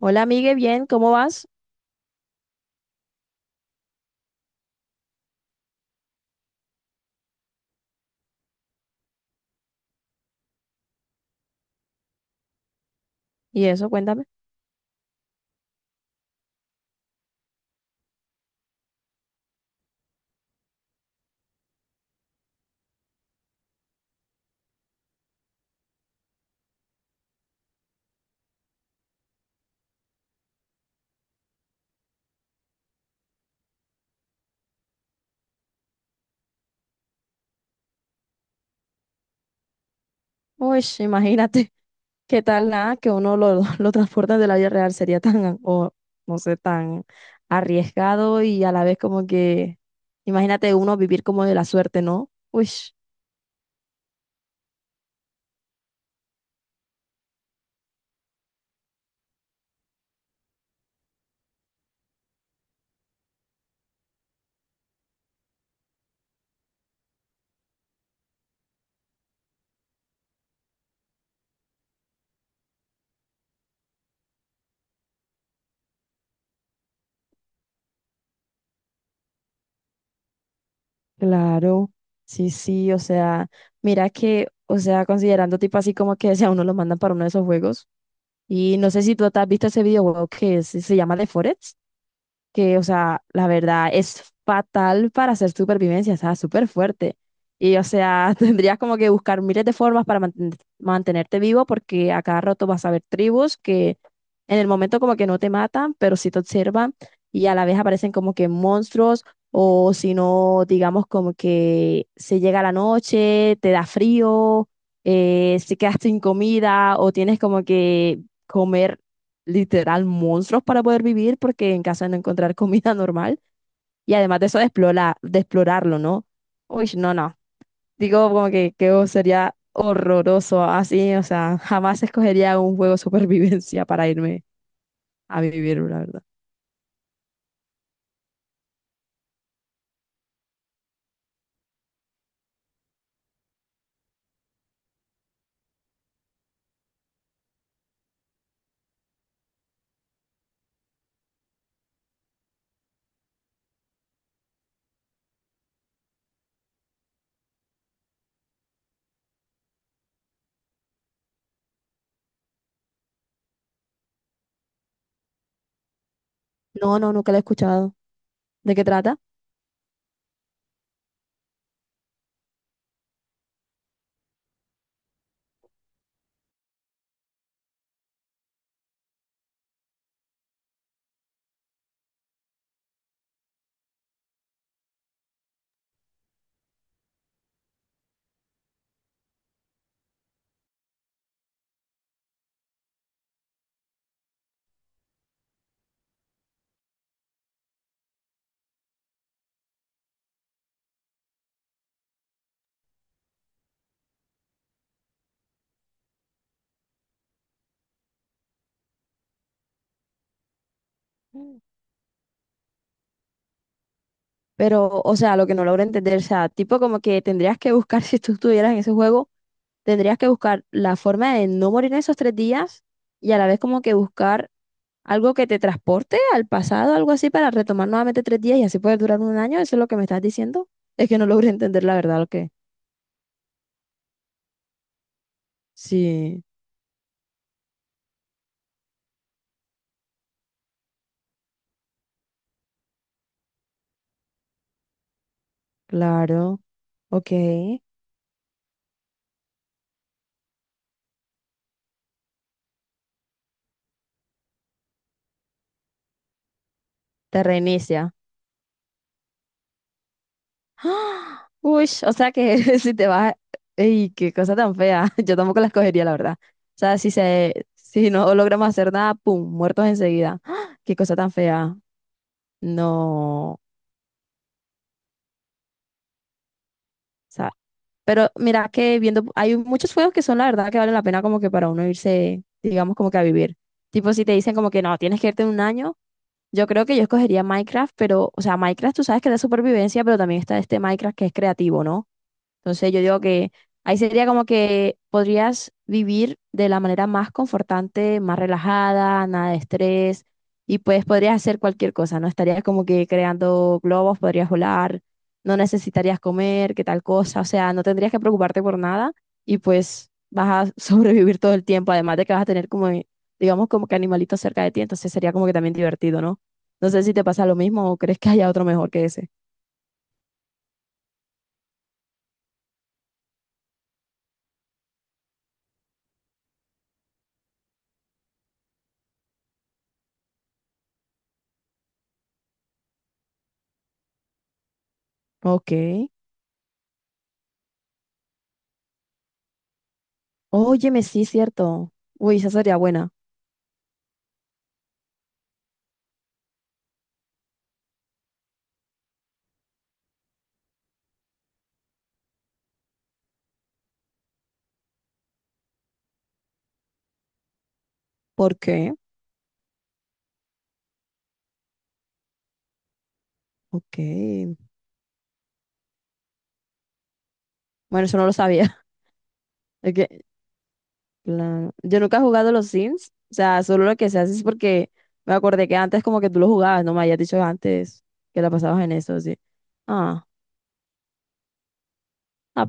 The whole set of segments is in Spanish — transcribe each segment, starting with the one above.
Hola, amigue, bien, ¿cómo vas? Y eso, cuéntame. Uy, imagínate, qué tal nada que uno lo transporta de la vida real sería tan, o no sé, tan arriesgado y a la vez como que, imagínate uno vivir como de la suerte, ¿no? Uy, claro, sí, sí, o sea, mira que, o sea, considerando tipo así como que si a uno lo mandan para uno de esos juegos, y no sé si tú te has visto ese videojuego que se llama The Forest. Que, o sea, la verdad es fatal para hacer supervivencia, o sea, súper fuerte. Y, o sea, tendrías como que buscar miles de formas para mantenerte vivo porque a cada rato vas a ver tribus que en el momento como que no te matan, pero sí te observan, y a la vez aparecen como que monstruos, o si no, digamos como que se llega la noche, te da frío, se quedas sin comida o tienes como que comer literal monstruos para poder vivir porque en casa no encontrar comida normal, y además de eso explorar, de explorarlo, ¿no? Uy, no, no. Digo como que oh, sería horroroso así, o sea, jamás escogería un juego de supervivencia para irme a vivir, la verdad. No, no, nunca lo he escuchado. ¿De qué trata? Mm. Pero, o sea, lo que no logro entender, o sea, tipo como que tendrías que buscar, si tú estuvieras en ese juego, tendrías que buscar la forma de no morir en esos 3 días y a la vez como que buscar algo que te transporte al pasado, algo así, para retomar nuevamente 3 días y así poder durar 1 año. Eso es lo que me estás diciendo. Es que no logro entender la verdad lo que. Sí, claro. Ok. Te reinicia. ¡Ah! Uy, o sea que si te vas. ¡Ey, qué cosa tan fea! Yo tampoco la escogería, la verdad. O sea, si se, si no logramos hacer nada, ¡pum! Muertos enseguida. ¡Ah! ¡Qué cosa tan fea! No. O pero mira que viendo, hay muchos juegos que son la verdad que valen la pena como que para uno irse, digamos, como que a vivir. Tipo, si te dicen como que no, tienes que irte en 1 año, yo creo que yo escogería Minecraft, pero, o sea, Minecraft tú sabes que es de supervivencia, pero también está este Minecraft que es creativo, ¿no? Entonces yo digo que ahí sería como que podrías vivir de la manera más confortante, más relajada, nada de estrés, y pues podrías hacer cualquier cosa, ¿no? Estarías como que creando globos, podrías volar, no necesitarías comer, qué tal cosa, o sea, no tendrías que preocuparte por nada, y pues vas a sobrevivir todo el tiempo, además de que vas a tener como, digamos, como que animalitos cerca de ti, entonces sería como que también divertido, ¿no? No sé si te pasa lo mismo o crees que haya otro mejor que ese. Ok. Óyeme, sí, cierto. Uy, esa sería buena. ¿Por qué? Ok. Bueno, eso no lo sabía. Es que yo nunca he jugado los Sims. O sea, solo lo que se hace es porque me acordé que antes como que tú lo jugabas, no me habías dicho antes que la pasabas en eso, sí. Ah, ah,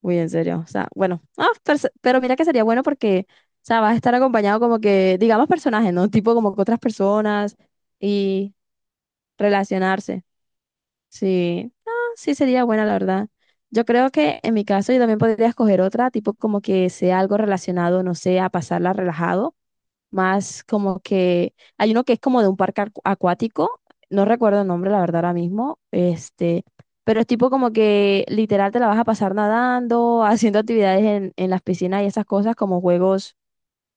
uy, en serio. O sea, bueno. Ah, pero, pero mira que sería bueno porque, o sea, vas a estar acompañado como que, digamos, personajes, ¿no? Tipo como que otras personas y relacionarse. Sí, ah, sí sería buena, la verdad. Yo creo que en mi caso yo también podría escoger otra, tipo como que sea algo relacionado, no sé, a pasarla relajado, más como que hay uno que es como de un parque acuático, no recuerdo el nombre, la verdad, ahora mismo, este, pero es tipo como que literal te la vas a pasar nadando, haciendo actividades en las piscinas y esas cosas, como juegos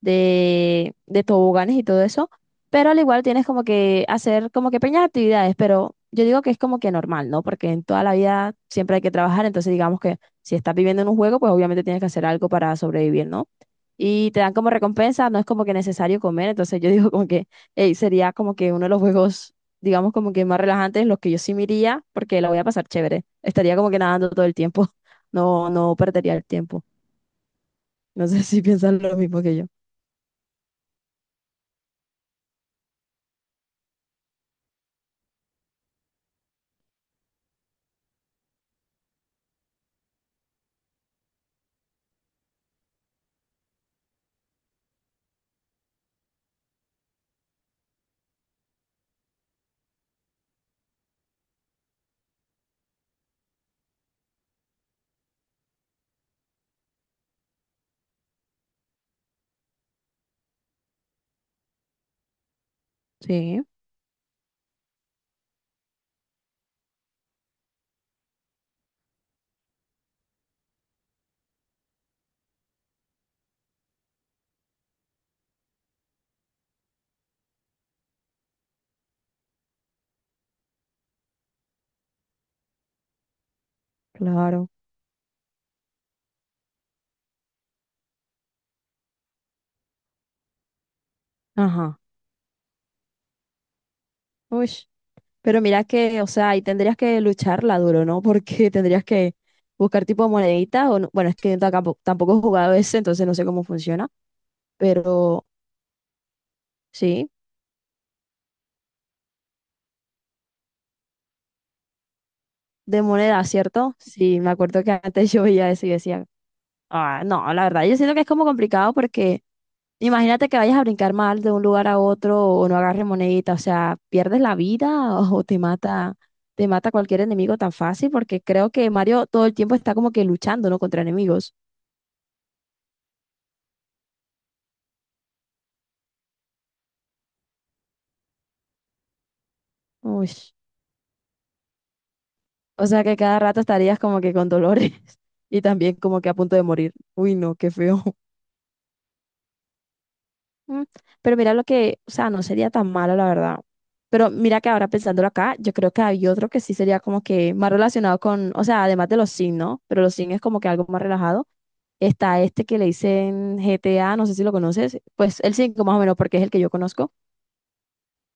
de toboganes y todo eso, pero al igual tienes como que hacer como que pequeñas actividades, pero yo digo que es como que normal, ¿no? Porque en toda la vida siempre hay que trabajar, entonces digamos que si estás viviendo en un juego, pues obviamente tienes que hacer algo para sobrevivir, ¿no? Y te dan como recompensa, no es como que necesario comer, entonces yo digo como que ey, sería como que uno de los juegos, digamos como que más relajantes, los que yo sí me iría, porque la voy a pasar chévere, estaría como que nadando todo el tiempo, no, no perdería el tiempo. No sé si piensan lo mismo que yo. Sí. Claro. Ajá. Uy. Pero mira que, o sea, ahí tendrías que lucharla duro, ¿no? Porque tendrías que buscar tipo moneditas o no- Bueno, es que yo tampoco he jugado ese, entonces no sé cómo funciona. Pero sí, de moneda, ¿cierto? Sí, me acuerdo que antes yo veía eso y decía, ah, no, la verdad, yo siento que es como complicado porque imagínate que vayas a brincar mal de un lugar a otro o no agarres monedita, o sea, pierdes la vida o te mata cualquier enemigo tan fácil porque creo que Mario todo el tiempo está como que luchando, ¿no? Contra enemigos. Uy, o sea que cada rato estarías como que con dolores y también como que a punto de morir. Uy, no, qué feo. Mm, pero mira lo que, o sea, no sería tan malo, la verdad. Pero mira que ahora pensándolo acá, yo creo que hay otro que sí sería como que más relacionado con, o sea, además de los Sims, ¿no? Pero los Sims es como que algo más relajado. Está este que le dicen GTA, no sé si lo conoces, pues el 5 más o menos, porque es el que yo conozco.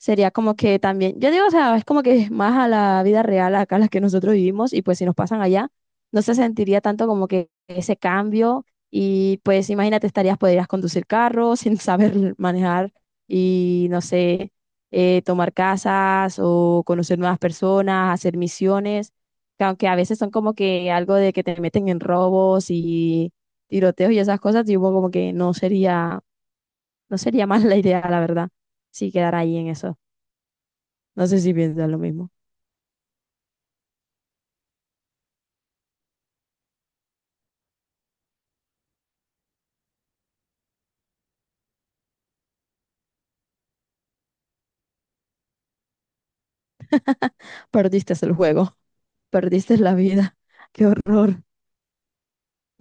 Sería como que también, yo digo, o sea, es como que es más a la vida real acá las que nosotros vivimos y pues si nos pasan allá, no se sentiría tanto como que ese cambio, y pues imagínate, estarías, podrías conducir carro sin saber manejar y no sé, tomar casas o conocer nuevas personas, hacer misiones, que aunque a veces son como que algo de que te meten en robos y tiroteos y esas cosas, digo como que no sería, no sería más la idea, la verdad, si quedara ahí en eso. No sé si piensas lo mismo. Perdiste el juego, perdiste la vida. Qué horror,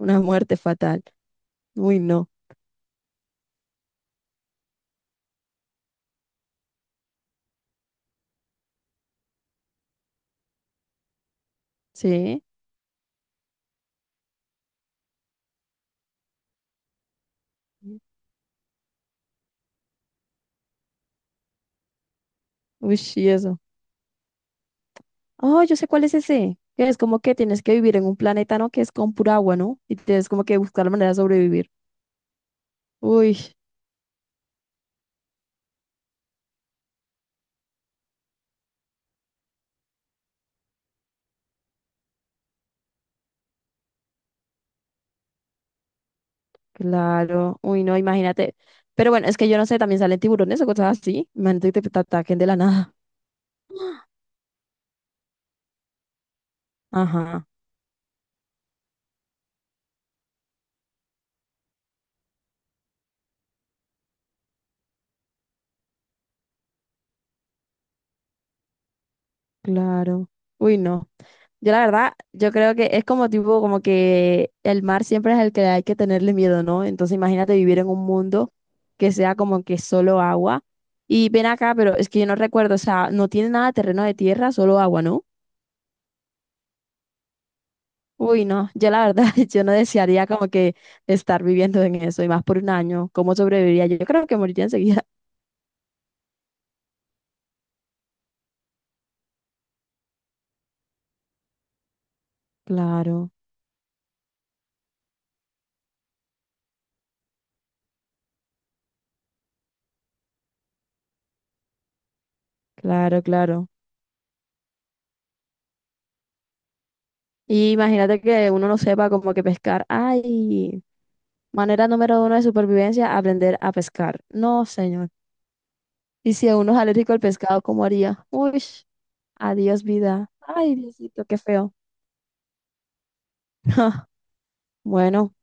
una muerte fatal. Uy, no. Sí. Uy, sí, eso. Oh, yo sé cuál es ese. Que es como que tienes que vivir en un planeta, ¿no? Que es con pura agua, ¿no? Y tienes como que buscar la manera de sobrevivir. Uy, claro. Uy, no, imagínate. Pero bueno, es que yo no sé, también salen tiburones o cosas así. Imagínate que te ataquen de la nada. Ajá, claro. Uy, no. Yo la verdad, yo creo que es como tipo, como que el mar siempre es el que hay que tenerle miedo, ¿no? Entonces imagínate vivir en un mundo que sea como que solo agua. Y ven acá, pero es que yo no recuerdo, o sea, no tiene nada de terreno de tierra, solo agua, ¿no? Uy, no, yo la verdad, yo no desearía como que estar viviendo en eso, y más por 1 año, ¿cómo sobreviviría? Yo creo que moriría enseguida. Claro, claro, claro. Y imagínate que uno no sepa como que pescar. Ay, manera número 1 de supervivencia, aprender a pescar. No, señor. Y si uno es alérgico al pescado, ¿cómo haría? Uy, adiós vida. Ay, Diosito, qué feo. Bueno,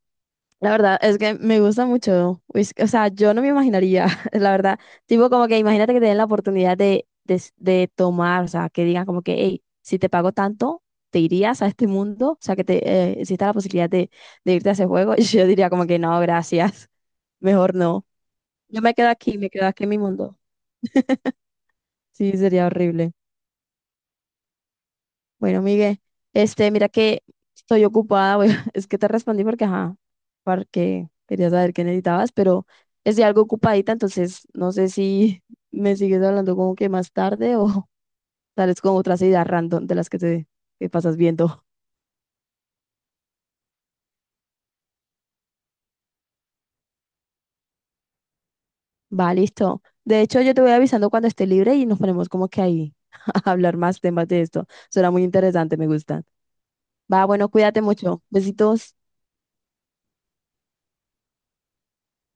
la verdad es que me gusta mucho. Uy, o sea, yo no me imaginaría, la verdad. Tipo, como que imagínate que te den la oportunidad de tomar, o sea, que digan como que, hey, si te pago tanto, te irías a este mundo. O sea, que te exista la posibilidad de irte a ese juego. Y yo diría como que no, gracias. Mejor no. Yo me quedo aquí en mi mundo. Sí, sería horrible. Bueno, Miguel, este, mira que estoy ocupada, es que te respondí porque, ajá, porque quería saber qué necesitabas, pero estoy algo ocupadita, entonces no sé si me sigues hablando como que más tarde o sales con otras ideas random de las que te que pasas viendo. Va, listo. De hecho, yo te voy avisando cuando esté libre y nos ponemos como que ahí a hablar más temas de esto. Será muy interesante, me gusta. Va, bueno, cuídate mucho. Besitos.